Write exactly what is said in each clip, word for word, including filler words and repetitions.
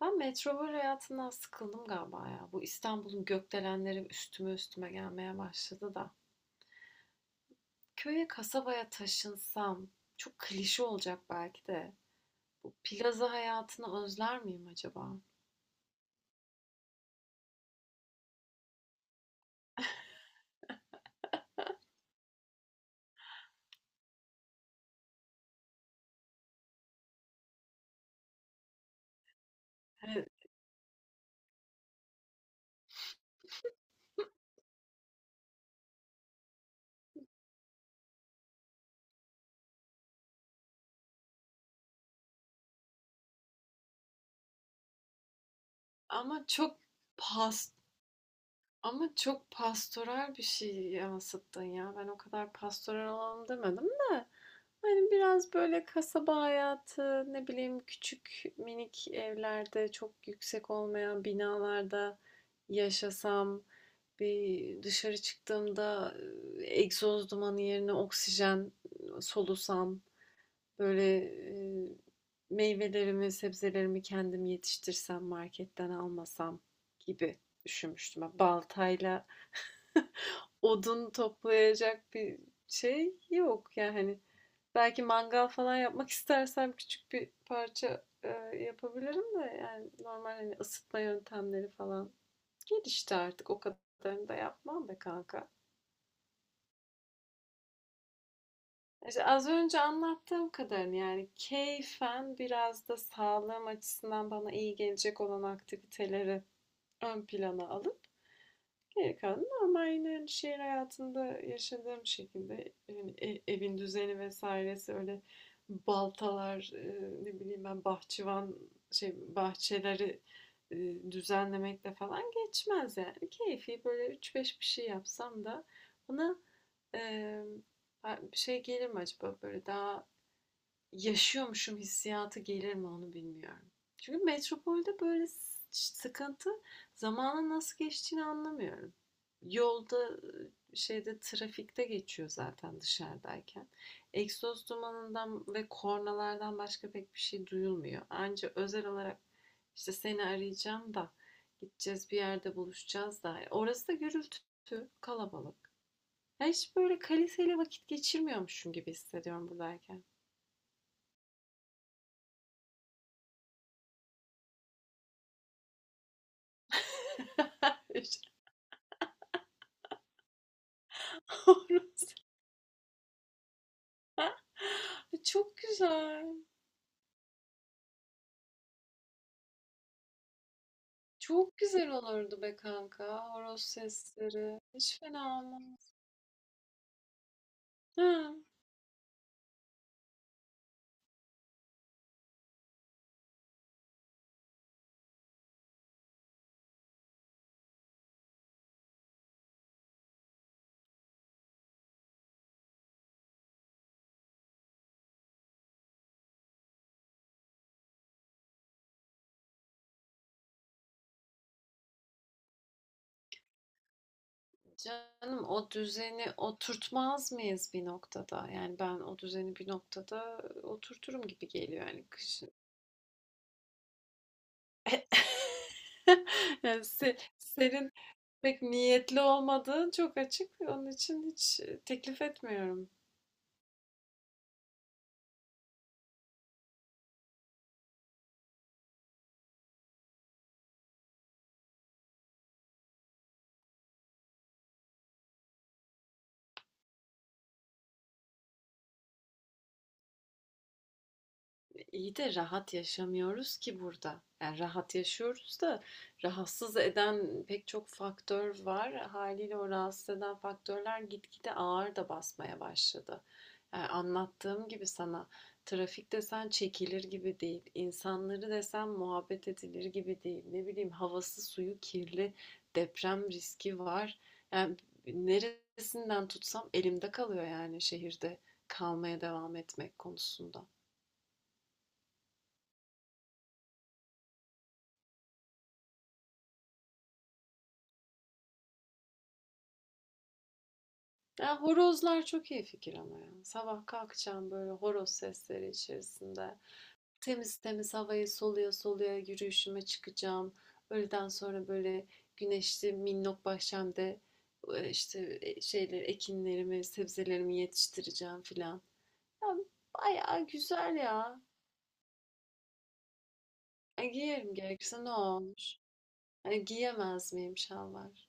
Ben metropol hayatından sıkıldım galiba ya. Bu İstanbul'un gökdelenleri üstüme üstüme gelmeye başladı da. Köye, kasabaya taşınsam, çok klişe olacak belki de. Bu plaza hayatını özler miyim acaba? Hani ama çok pas ama çok pastoral bir şey yansıttın ya. Ben o kadar pastoral olalım demedim de. Hani, biraz, böyle, kasaba hayatı, ne bileyim, küçük, minik evlerde, çok yüksek olmayan binalarda yaşasam, bir dışarı çıktığımda, egzoz dumanı yerine oksijen solusam, böyle, eee, meyvelerimi, sebzelerimi kendim yetiştirsem, marketten almasam gibi düşünmüştüm. Baltayla odun toplayacak bir şey yok. Yani, hani, belki mangal falan yapmak istersem küçük bir parça e, yapabilirim de yani normal hani ısıtma yöntemleri falan gelişti artık. O kadarını da yapmam be kanka. İşte az önce anlattığım kadarını yani keyfen biraz da sağlığım açısından bana iyi gelecek olan aktiviteleri ön plana alıp geri kalan normal yine hani şehir hayatında yaşadığım şekilde yani e- evin düzeni vesairesi öyle baltalar e, ne bileyim ben bahçıvan şey bahçeleri e, düzenlemekle falan geçmez yani. Keyfi böyle üç beş bir şey yapsam da bana e, şey gelir mi acaba böyle daha yaşıyormuşum hissiyatı gelir mi onu bilmiyorum. Çünkü metropolde böyle sıkıntı zamanın nasıl geçtiğini anlamıyorum. Yolda şeyde trafikte geçiyor zaten dışarıdayken. Egzoz dumanından ve kornalardan başka pek bir şey duyulmuyor. Ancak özel olarak işte seni arayacağım da gideceğiz bir yerde buluşacağız da. Orası da gürültü, kalabalık. Ya hiç böyle kaliteli vakit geçirmiyormuşum gibi hissediyorum buradayken. Hiç- E, çok güzel. Çok güzel olurdu be kanka. Horoz sesleri. Hiç fena olmaz. Ha. Canım o düzeni oturtmaz mıyız bir noktada? Yani ben o düzeni bir noktada oturturum gibi geliyor yani kışın. Yani se- senin pek niyetli olmadığın çok açık. Onun için hiç e, teklif etmiyorum. İyi de rahat yaşamıyoruz ki burada. Yani rahat yaşıyoruz da rahatsız eden pek çok faktör var. Haliyle o rahatsız eden faktörler gitgide ağır da basmaya başladı. Yani anlattığım gibi sana trafik desen çekilir gibi değil. İnsanları desen muhabbet edilir gibi değil. Ne bileyim havası suyu kirli, deprem riski var. Yani neresinden tutsam elimde kalıyor yani şehirde kalmaya devam etmek konusunda. Ya horozlar çok iyi fikir ama ya. Sabah kalkacağım böyle horoz sesleri içerisinde. Temiz temiz havayı soluya soluya yürüyüşüme çıkacağım. Öğleden sonra böyle güneşli minnok bahçemde e, işte e, şeyleri, ekinlerimi, sebzelerimi yetiştireceğim filan. Ya bayağı güzel ya. E, giyerim gerekirse ne olmuş? Hani giyemez miyim şalvar?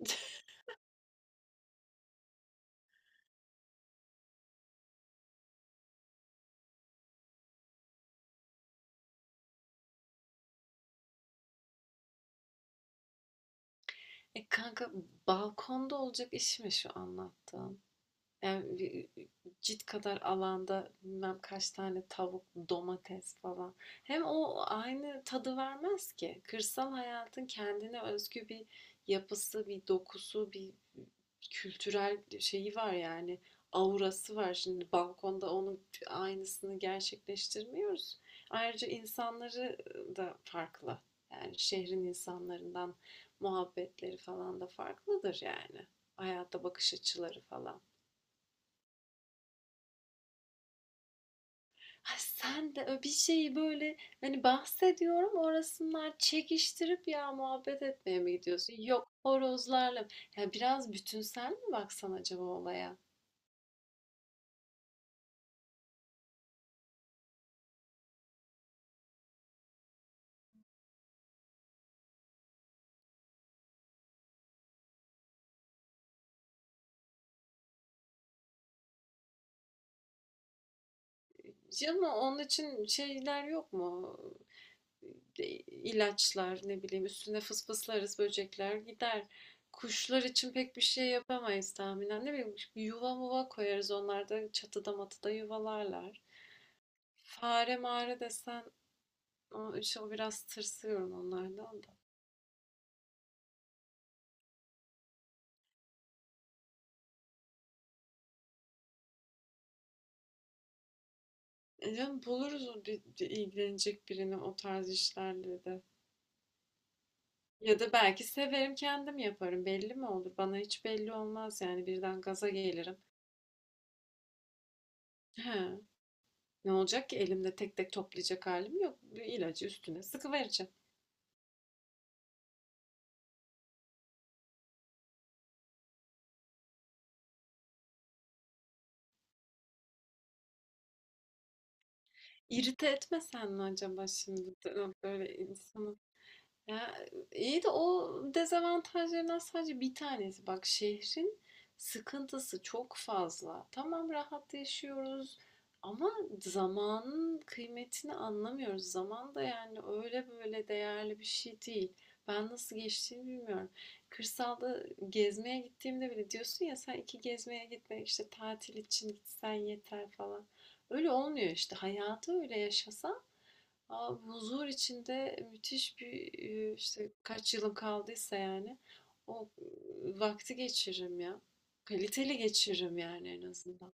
E kanka, balkonda olacak iş mi şu anlattığın? Yani bir- cilt kadar alanda bilmem kaç tane tavuk, domates falan. Hem o aynı tadı vermez ki. Kırsal hayatın kendine özgü bir yapısı, bir dokusu, bir ıı, kültürel şeyi var yani. Aurası var. Şimdi balkonda onun aynısını gerçekleştirmiyoruz. Ayrıca insanları da farklı. Yani şehrin insanlarından muhabbetleri falan da farklıdır yani. Hayata bakış açıları falan. Ay sen de bir şeyi böyle hani bahsediyorum orasınlar çekiştirip ya muhabbet etmeye mi gidiyorsun? Yok horozlarla. Ya biraz bütünsel mi baksan acaba olaya? Canım onun için şeyler yok mu? E, İlaçlar ne bileyim üstüne fısfıslarız böcekler gider. Kuşlar için pek bir şey yapamayız tahminen. Ne bileyim bir yuva muva koyarız onlar da çatıda matıda yuvalarlar. Fare mare desen o, işte o biraz tırsıyorum onlardan da. E canım buluruz o di- di- ilgilenecek birini o tarz işlerle de. Ya da belki severim kendim yaparım. Belli mi olur? Bana hiç belli olmaz yani birden gaza gelirim. He, ne olacak ki elimde tek tek toplayacak halim yok. Bir ilacı üstüne sıkıvereceğim. İrite etmesen mi acaba şimdi? Böyle insan ya, iyi de o dezavantajlarından sadece bir tanesi. Bak şehrin sıkıntısı çok fazla. Tamam rahat yaşıyoruz ama zamanın kıymetini anlamıyoruz. Zaman da yani öyle böyle değerli bir şey değil. Ben nasıl geçtiğini bilmiyorum. Kırsalda gezmeye gittiğimde bile diyorsun ya sen iki gezmeye gitme işte tatil için gitsen yeter falan. Öyle olmuyor işte. Hayatı öyle yaşasa. Aa, huzur içinde müthiş bir e, işte kaç yılım kaldıysa yani o e, vakti geçiririm ya. Kaliteli geçiririm yani en azından.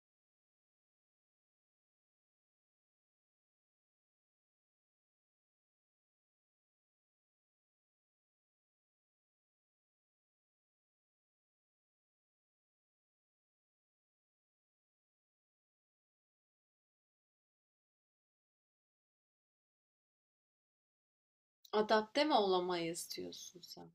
Adapte mi olamayız diyorsun sen?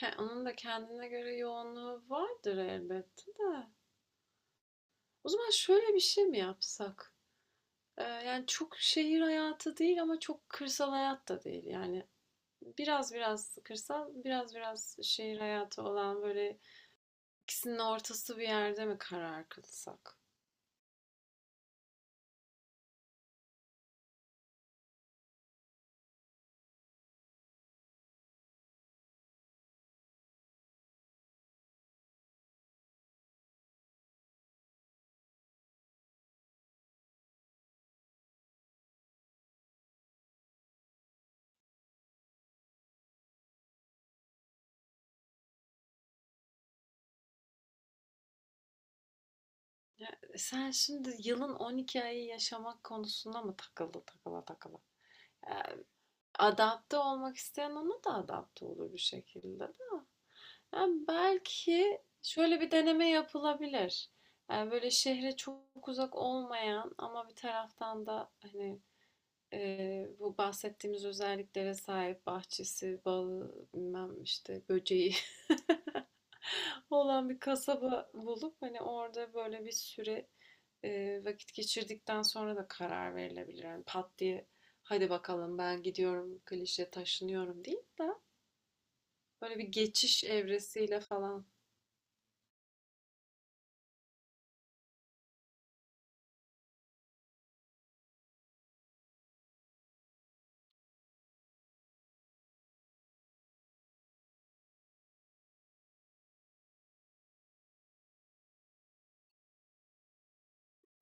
He, onun da kendine göre yoğunluğu vardır elbette de. O zaman şöyle bir şey mi yapsak? Ee, yani çok şehir hayatı değil ama çok kırsal hayat da değil. Yani biraz biraz kırsal, biraz biraz şehir hayatı olan böyle İkisinin ortası bir yerde mi karar kılsak? E, sen şimdi yılın on iki ayı yaşamak konusunda mı takıldı takıla takıla? Adapte olmak isteyen ona da adapte olur bir şekilde. Yani belki şöyle bir deneme yapılabilir. Yani böyle şehre çok uzak olmayan ama bir taraftan da hani e, bu bahsettiğimiz özelliklere sahip bahçesi, balı, bilmem işte böceği olan bir kasaba bulup hani orada böyle bir süre Eee, vakit geçirdikten sonra da karar verilebilir. Yani pat diye hadi bakalım ben gidiyorum klişe taşınıyorum değil de böyle bir geçiş evresiyle falan.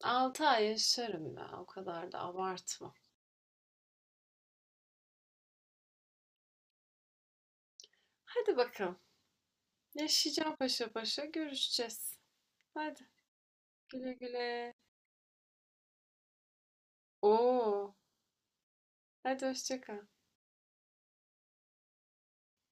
altı ay yaşarım ya o kadar da abartma. Hadi bakalım. Yaşayacağım paşa paşa görüşeceğiz. Hadi güle güle. Oo, hadi hoşça kal.